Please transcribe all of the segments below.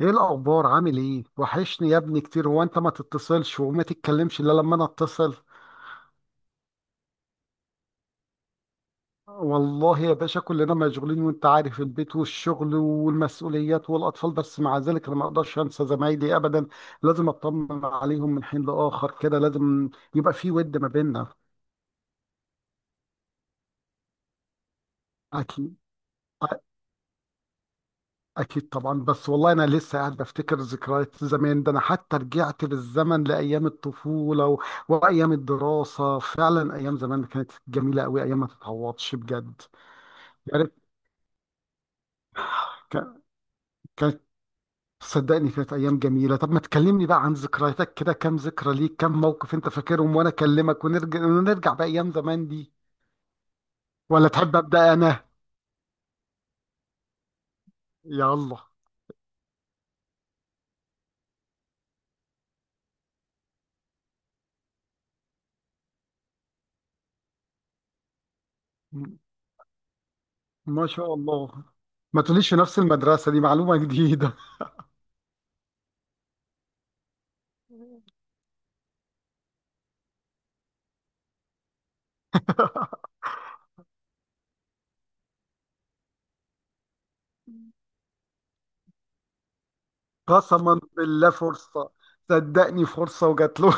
ايه الاخبار؟ عامل ايه؟ وحشني يا ابني كتير، هو انت ما تتصلش وما تتكلمش الا لما انا اتصل. والله يا باشا كلنا مشغولين، وانت عارف البيت والشغل والمسؤوليات والاطفال، بس مع ذلك انا ما اقدرش انسى زمايلي ابدا. لازم اطمن عليهم من حين لاخر، كده لازم يبقى في ود ما بيننا. اكيد، اكيد طبعا، بس والله انا لسه قاعد بفتكر ذكريات زمان، ده انا حتى رجعت بالزمن لايام الطفوله وايام الدراسه، فعلا ايام زمان كانت جميله قوي، ايام ما تتعوضش بجد. يا ريت. ك... كانت صدقني كانت ايام جميله. طب ما تكلمني بقى عن ذكرياتك، كده كام ذكرى ليك، كام موقف انت فاكرهم، وانا اكلمك ونرجع نرجع بايام زمان دي. ولا تحب ابدا؟ انا... يلا. م- ما شاء الله. ما تقوليش! في نفس المدرسه دي؟ معلومه جديده. قسما بالله، فرصة. صدقني، فرصة وجات له.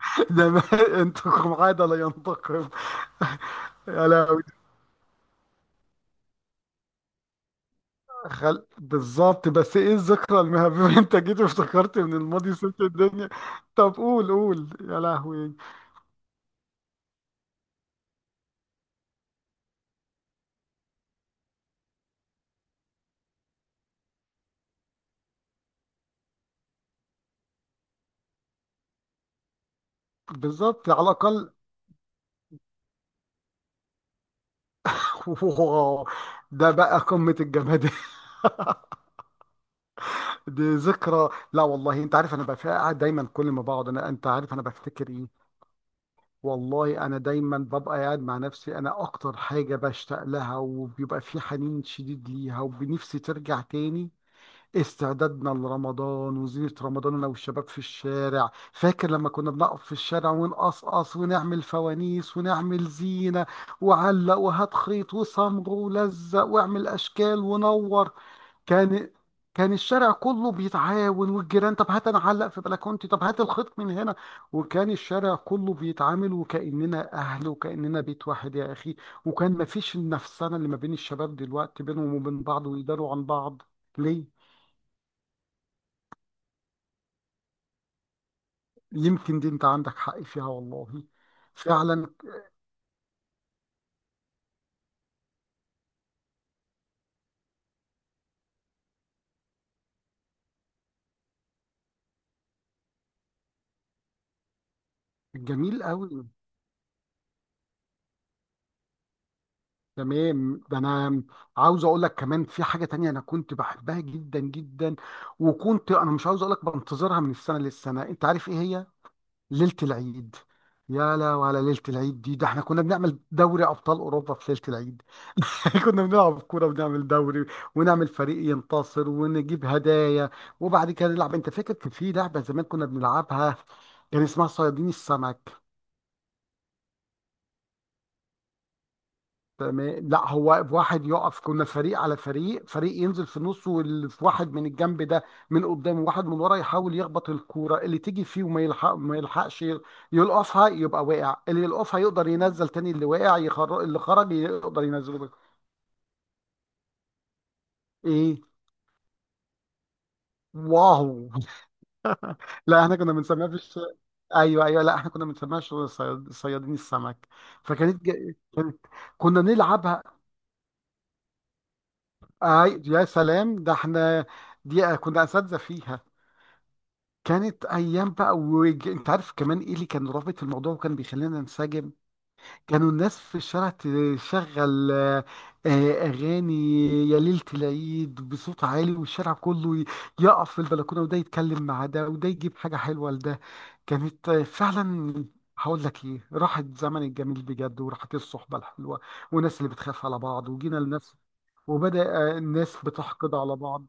ده انتكم عادة لا ينتقم. يا لهوي. بالظبط، بس ايه الذكرى المهمة؟ انت جيت وافتكرت من الماضي، سبت الدنيا. طب قول قول، يا لهوي. بالظبط، على الأقل. ده بقى قمة الجماد. دي ذكرى، لا والله، انت عارف انا بقى قاعد دايما، كل ما بقعد انا، انت عارف انا بفتكر ايه؟ والله انا دايما ببقى قاعد مع نفسي، انا اكتر حاجه بشتاق لها وبيبقى في حنين شديد ليها وبنفسي ترجع تاني. استعدادنا لرمضان وزينة رمضان، انا والشباب في الشارع، فاكر لما كنا بنقف في الشارع ونقصقص ونعمل فوانيس ونعمل زينه، وعلق وهات خيط وصمغ ولزق واعمل اشكال ونور. كان كان الشارع كله بيتعاون، والجيران، طب هات انا اعلق في بلكونتي، طب هات الخيط من هنا، وكان الشارع كله بيتعامل وكأننا اهل وكأننا بيت واحد يا اخي، وكان مفيش النفسنة اللي ما بين الشباب دلوقتي بينهم وبين بعض ويداروا عن بعض. ليه؟ يمكن دي انت عندك حق فيها والله. فعلا. جميل قوي. تمام، ده انا عاوز اقول لك كمان في حاجة تانية انا كنت بحبها جدا جدا، وكنت انا، مش عاوز اقول لك، بنتظرها من السنة للسنة، انت عارف ايه هي؟ ليلة العيد. يا لا، وعلى ليلة العيد دي، ده احنا كنا بنعمل دوري أبطال أوروبا في ليلة العيد. كنا بنلعب كورة ونعمل دوري، ونعمل فريق ينتصر ونجيب هدايا، وبعد كده نلعب، انت فاكر كان في لعبة زمان كنا بنلعبها؟ كان اسمها صيادين السمك. تمام. لا، هو واحد يقف، كنا فريق على فريق، فريق ينزل في النص، واللي في، واحد من الجنب ده من قدام، وواحد من ورا يحاول يخبط الكوره اللي تيجي فيه، وما يلحق ما يلحقش يلقفها يبقى واقع، اللي يلقفها يقدر ينزل تاني، اللي واقع اللي خرج يقدر ينزله. ايه؟ واو. لا احنا كنا بنسميها ايوه، ايوه، لا احنا كنا بنسميها شغل صيادين السمك. فكانت كانت كنا نلعبها. اي يا سلام، ده احنا، دي كنا اساتذه فيها. كانت ايام بقى، انت عارف كمان ايه اللي كان رابط الموضوع وكان بيخلينا ننسجم؟ كانوا الناس في الشارع تشغل اغاني يا ليلة العيد بصوت عالي، والشارع كله يقف في البلكونة، وده يتكلم مع ده وده يجيب حاجة حلوة لده. كانت فعلا، هقول لك ايه؟ راحت زمن الجميل بجد، وراحت الصحبة الحلوة، والناس اللي بتخاف على بعض، وجينا لناس، وبدأ الناس بتحقد على بعض.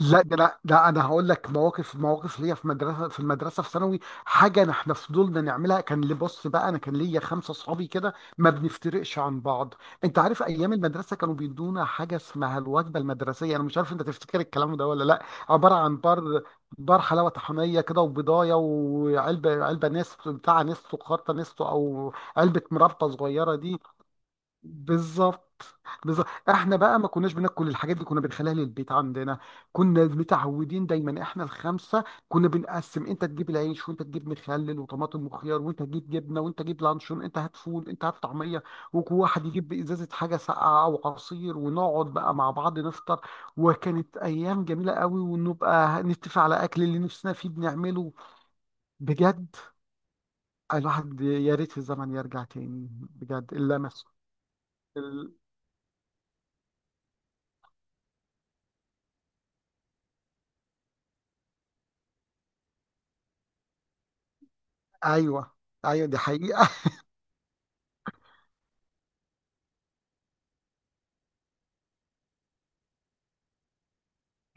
لا ده انا هقول لك مواقف، مواقف ليا، في المدرسه في ثانوي، حاجه إن احنا فضلنا نعملها، كان لي، بص بقى انا، كان ليا خمسه اصحابي كده، ما بنفترقش عن بعض. انت عارف ايام المدرسه كانوا بيدونا حاجه اسمها الوجبه المدرسيه؟ انا مش عارف انت تفتكر الكلام ده ولا لا. عباره عن بار حلاوه طحينيه كده، وبضايه، وعلبه نستو، بتاع نستو خرطه نستو، او علبه مربطه صغيره دي. بالظبط، بالظبط، احنا بقى ما كناش بناكل الحاجات دي، كنا بنخليها للبيت عندنا. كنا متعودين دايما احنا الخمسه، كنا بنقسم، انت تجيب العيش، وانت تجيب مخلل وطماطم وخيار، وانت تجيب جبنه، وانت تجيب لانشون، انت هات فول، انت هات طعميه، وواحد يجيب ازازه حاجه ساقعه او عصير، ونقعد بقى مع بعض نفطر. وكانت ايام جميله قوي، ونبقى نتفق على اكل اللي نفسنا فيه بنعمله. بجد، الواحد يا ريت الزمن يرجع تاني. بجد اللمس. ايوه، ايوه، دي حقيقة.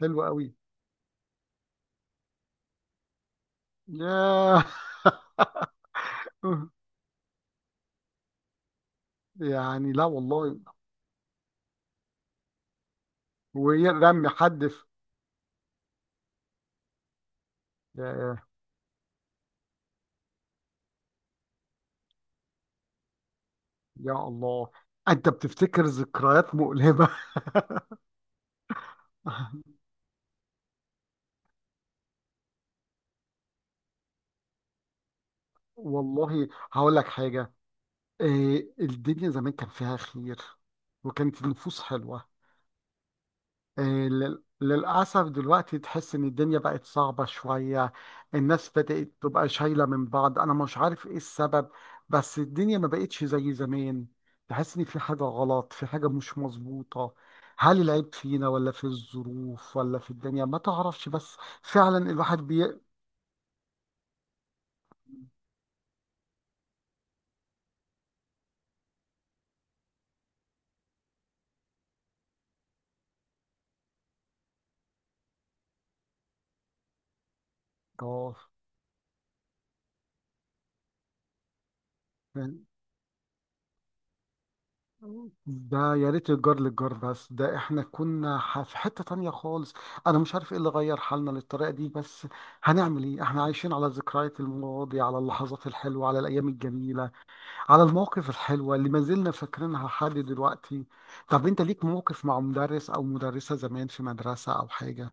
حلوة قوي. ياه. يعني لا والله. ويرمي حد في... ياه. يا الله، انت بتفتكر ذكريات مؤلمة. والله هقول لك حاجة، إيه الدنيا زمان، كان فيها خير، وكانت النفوس حلوة. آه، للأسف دلوقتي تحس إن الدنيا بقت صعبة شوية، الناس بدأت تبقى شايلة من بعض، أنا مش عارف إيه السبب، بس الدنيا ما بقتش زي زمان، تحس إن في حاجة غلط، في حاجة مش مظبوطة. هل العيب فينا ولا في الظروف ولا في الدنيا؟ ما تعرفش بس. فعلا، الواحد بي... آه، ده يا ريت الجار للجار، بس ده احنا كنا في حتة تانية خالص. انا مش عارف ايه اللي غير حالنا للطريقة دي، بس هنعمل ايه؟ احنا عايشين على ذكريات الماضي، على اللحظات الحلوة، على الايام الجميلة، على المواقف الحلوة اللي ما زلنا فاكرينها لحد دلوقتي. طب انت ليك موقف مع مدرس او مدرسة زمان في مدرسة او حاجة؟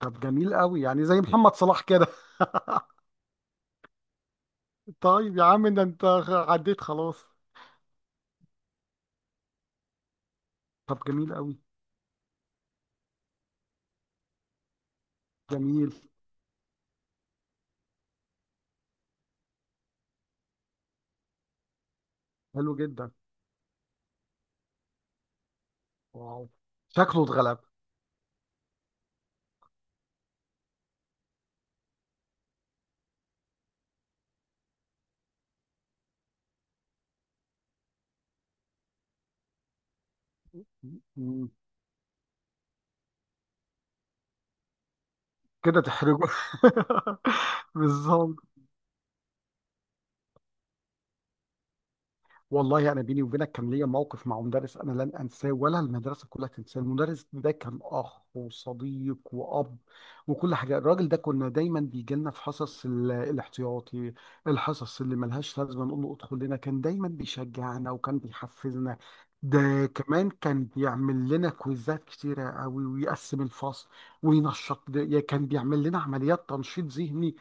طب جميل قوي، يعني زي محمد صلاح كده. طيب يا عم، ده انت عديت خلاص. طب جميل قوي، جميل. حلو جدا. واو، شكله اتغلب. مم. كده تحرجه. بالظبط. والله يعني بيني وبينك، كان ليا موقف مع مدرس، انا لن انساه ولا المدرسه كلها تنساه. المدرس ده كان اخ وصديق واب وكل حاجه، الراجل ده كنا دايما بيجي لنا في حصص الاحتياطي، الحصص اللي ملهاش لازمه، نقول له ادخل لنا، كان دايما بيشجعنا وكان بيحفزنا. ده كمان كان بيعمل لنا كويزات كتيرة قوي، ويقسم الفصل كان بيعمل لنا عمليات تنشيط ذهني،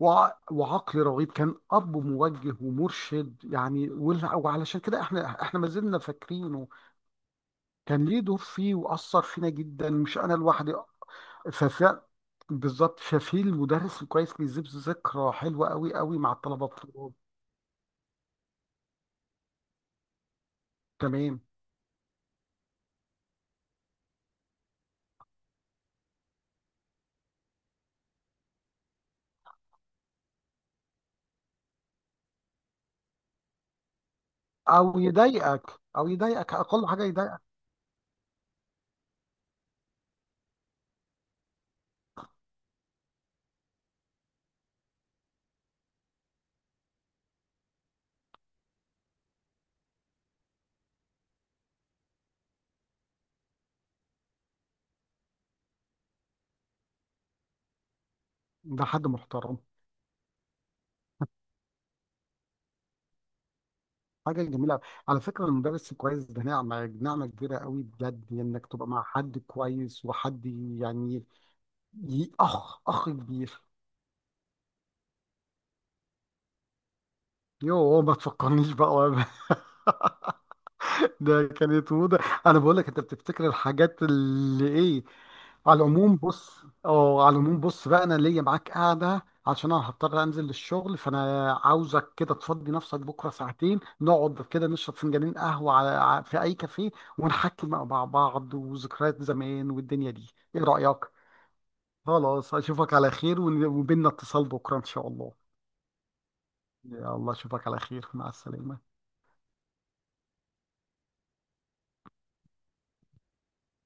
وعقل رغيد، كان أب موجه ومرشد يعني، وعلشان كده احنا ما زلنا فاكرينه، كان ليه دور فيه وأثر فينا جدا، مش أنا لوحدي. ففي... بالظبط، ففي المدرس الكويس بيسيب ذكرى حلوة قوي قوي مع الطلبة بتوعه. تمام. أو يضايقك أقل حاجة يضايقك. ده حد محترم. حاجة جميلة. على فكرة، المدرس الكويس ده نعمة كبيرة قوي بجد، إنك تبقى مع حد كويس وحد يعني، أخ كبير. يوه، ما تفكرنيش بقى ده كانت موضة. انا بقول لك، انت بتفتكر الحاجات اللي ايه؟ على العموم بص بقى، انا ليا معاك قاعده عشان انا هضطر انزل للشغل، فانا عاوزك كده تفضي نفسك بكره ساعتين، نقعد كده نشرب فنجانين قهوه في اي كافيه، ونحكي مع بعض وذكريات زمان والدنيا دي. ايه رايك؟ خلاص، اشوفك على خير، وبيننا اتصال بكره ان شاء الله. يلا، اشوفك على خير، مع السلامه.